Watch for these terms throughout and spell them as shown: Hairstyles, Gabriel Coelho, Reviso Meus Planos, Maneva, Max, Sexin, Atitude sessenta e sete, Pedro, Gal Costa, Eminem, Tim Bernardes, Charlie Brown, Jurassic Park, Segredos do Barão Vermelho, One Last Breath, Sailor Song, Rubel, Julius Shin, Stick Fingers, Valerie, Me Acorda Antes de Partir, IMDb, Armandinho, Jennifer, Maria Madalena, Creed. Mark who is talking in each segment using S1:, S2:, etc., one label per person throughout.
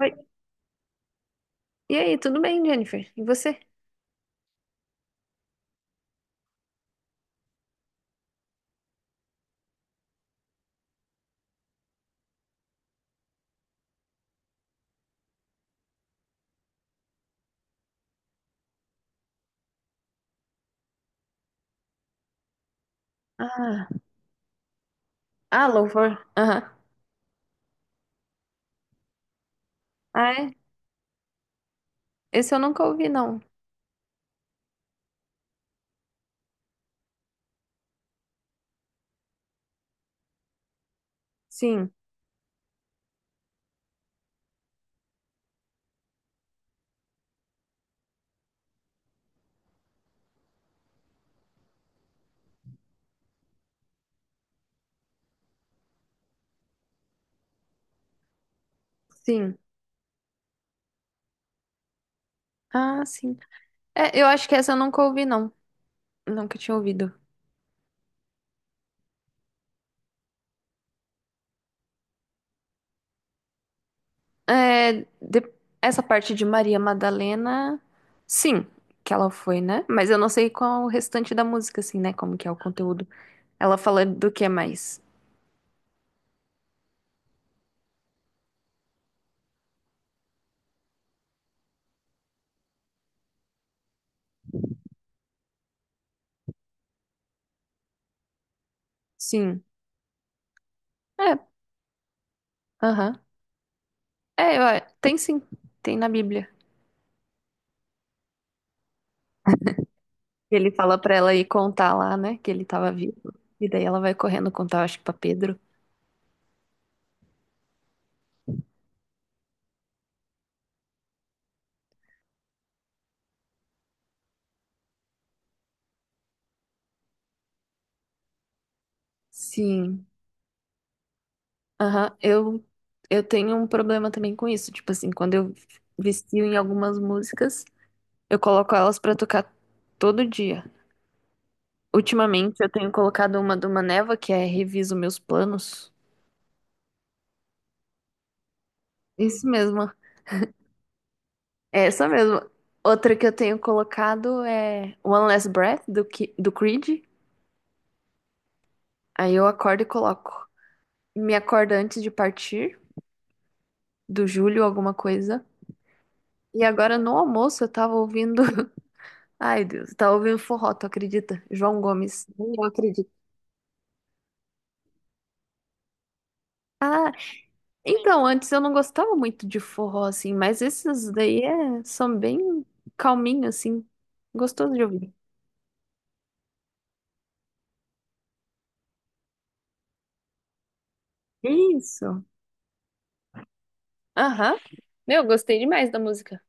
S1: Oi. E aí, tudo bem, Jennifer? E você? Ah, ah, louvor. Aham. Ah, é? Esse eu nunca ouvi, não. Sim, sim. Ah, sim. É, eu acho que essa eu nunca ouvi, não. Nunca tinha ouvido. É, de- Essa parte de Maria Madalena, sim, que ela foi, né? Mas eu não sei qual o restante da música, assim, né? Como que é o conteúdo. Ela fala do que mais? Sim. É, aham. Tem sim. Tem na Bíblia. Ele fala pra ela ir contar lá, né, que ele tava vivo. E daí ela vai correndo contar, acho que pra Pedro. Sim. Aham. Eu tenho um problema também com isso. Tipo assim, quando eu vistio em algumas músicas, eu coloco elas pra tocar todo dia. Ultimamente eu tenho colocado uma do Maneva, que é Reviso Meus Planos. Isso mesmo. É essa mesmo. Outra que eu tenho colocado é One Last Breath, do Creed. Aí eu acordo e coloco. Me acorda antes de partir, do Júlio, alguma coisa. E agora no almoço eu tava ouvindo. Ai, Deus, eu tava ouvindo forró, tu acredita? João Gomes. Nem eu acredito. Ah, então, antes eu não gostava muito de forró, assim, mas esses daí é, são bem calminhos, assim. Gostoso de ouvir. Isso. Aham. Meu, gostei demais da música.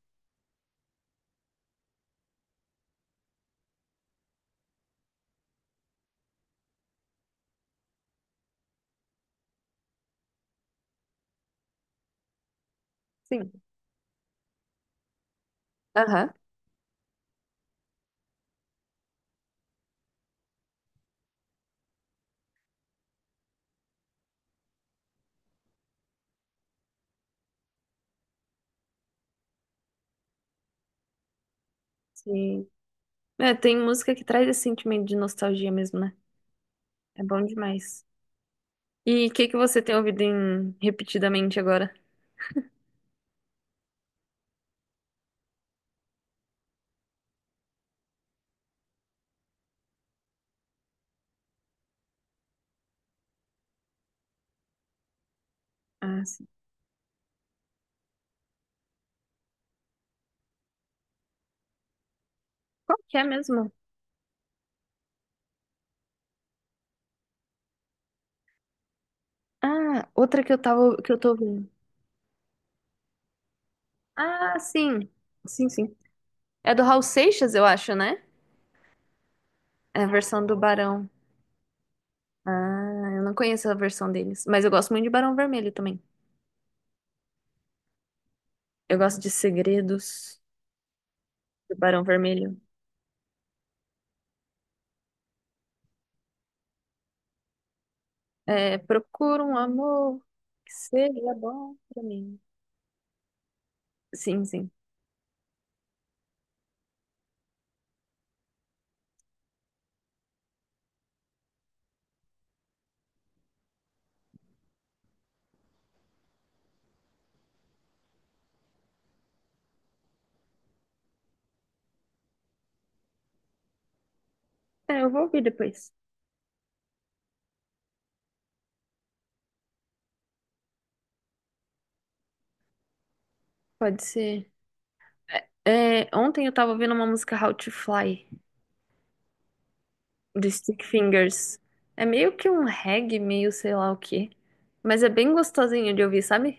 S1: Sim. Aham. Sim. É, tem música que traz esse sentimento de nostalgia mesmo, né? É bom demais. E o que que você tem ouvido em repetidamente agora? Ah, sim. Qual que é mesmo? Ah, outra que eu tava, que eu tô vendo. Ah, sim. Sim, sim. É do Raul Seixas, eu acho, né? É a versão do Barão. Ah, eu não conheço a versão deles, mas eu gosto muito de Barão Vermelho também. Eu gosto de Segredos do Barão Vermelho. É, procura um amor que seja bom pra mim. Sim, sim. É, eu vou ouvir depois. Pode ser. Ontem eu tava ouvindo uma música How to Fly, do Stick Fingers. É meio que um reggae, meio sei lá o quê. Mas é bem gostosinho de ouvir, sabe?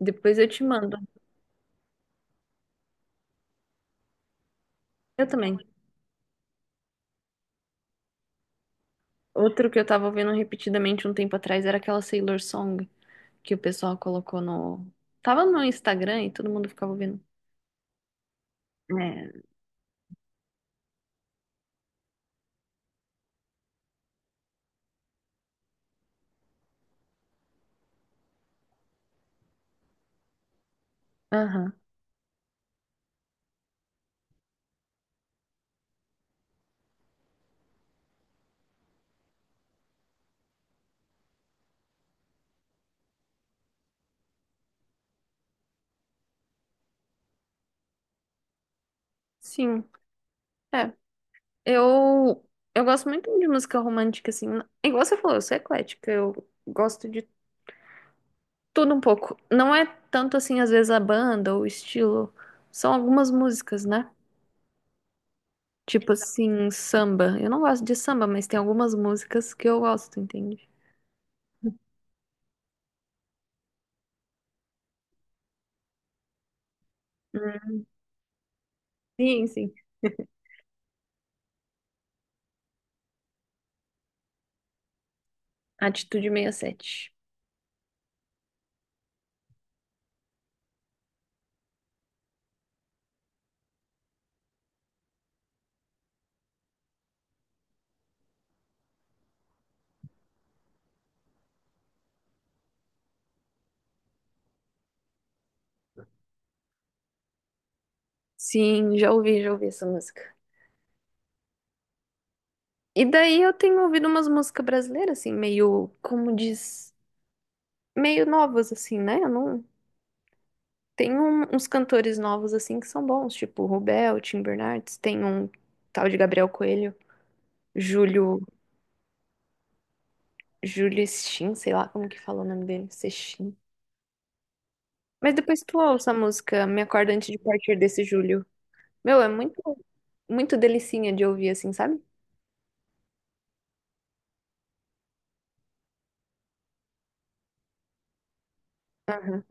S1: Depois eu te mando. Eu também. Outro que eu tava ouvindo repetidamente um tempo atrás era aquela Sailor Song que o pessoal colocou no. Tava no Instagram e todo mundo ficava ouvindo. É. Aham. Sim. É. Eu. Eu gosto muito de música romântica, assim. É, igual você falou, eu sou eclética. Eu gosto de tudo um pouco. Não é tanto assim, às vezes, a banda ou o estilo. São algumas músicas, né? Tipo assim, samba. Eu não gosto de samba, mas tem algumas músicas que eu gosto, entende? Hum, Sim, sim. Atitude 67. Sim, já ouvi essa música. E daí eu tenho ouvido umas músicas brasileiras, assim, meio, como diz, meio novas, assim, né? Eu não. Tem uns cantores novos, assim, que são bons, tipo o Rubel, Tim Bernardes, tem um tal de Gabriel Coelho, Júlio. Julius Shin, sei lá como que fala o nome dele, Sexin. Mas depois tu ouça a música Me Acorda Antes de Partir desse Julho. Meu, é muito delicinha de ouvir assim, sabe? Aham.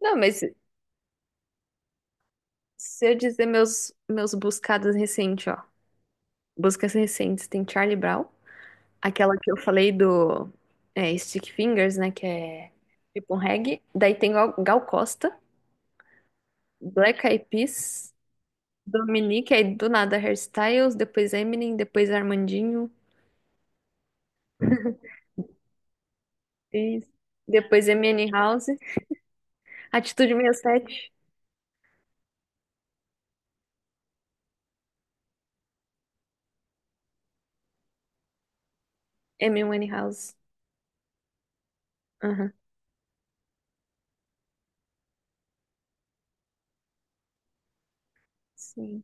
S1: Não, mas se eu dizer meus buscados recentes, ó. Buscas recentes, tem Charlie Brown, aquela que eu falei do, é, Stick Fingers, né, que é tipo um reggae. Daí tem Gal Costa, Black Eyed Peas, Dominique, aí do nada Hairstyles, depois Eminem, depois Armandinho. Isso. Depois MN House. Atitude 67, M MN House. Aham. Sim.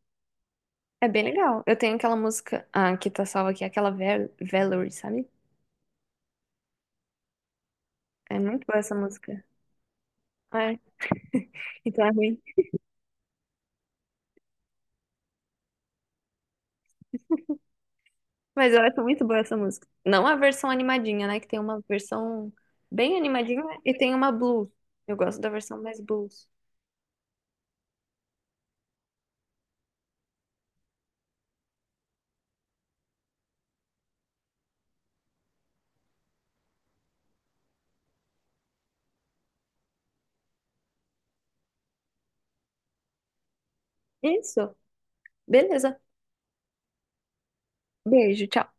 S1: É bem legal. Eu tenho aquela música. Ah, que tá salva aqui. Aquela Valerie, sabe? É muito boa essa música. É. Então é ruim. Mas eu acho muito boa essa música. Não a versão animadinha, né? Que tem uma versão bem animadinha e tem uma blues. Eu gosto da versão mais blues. Isso. Beleza. Beijo. Tchau.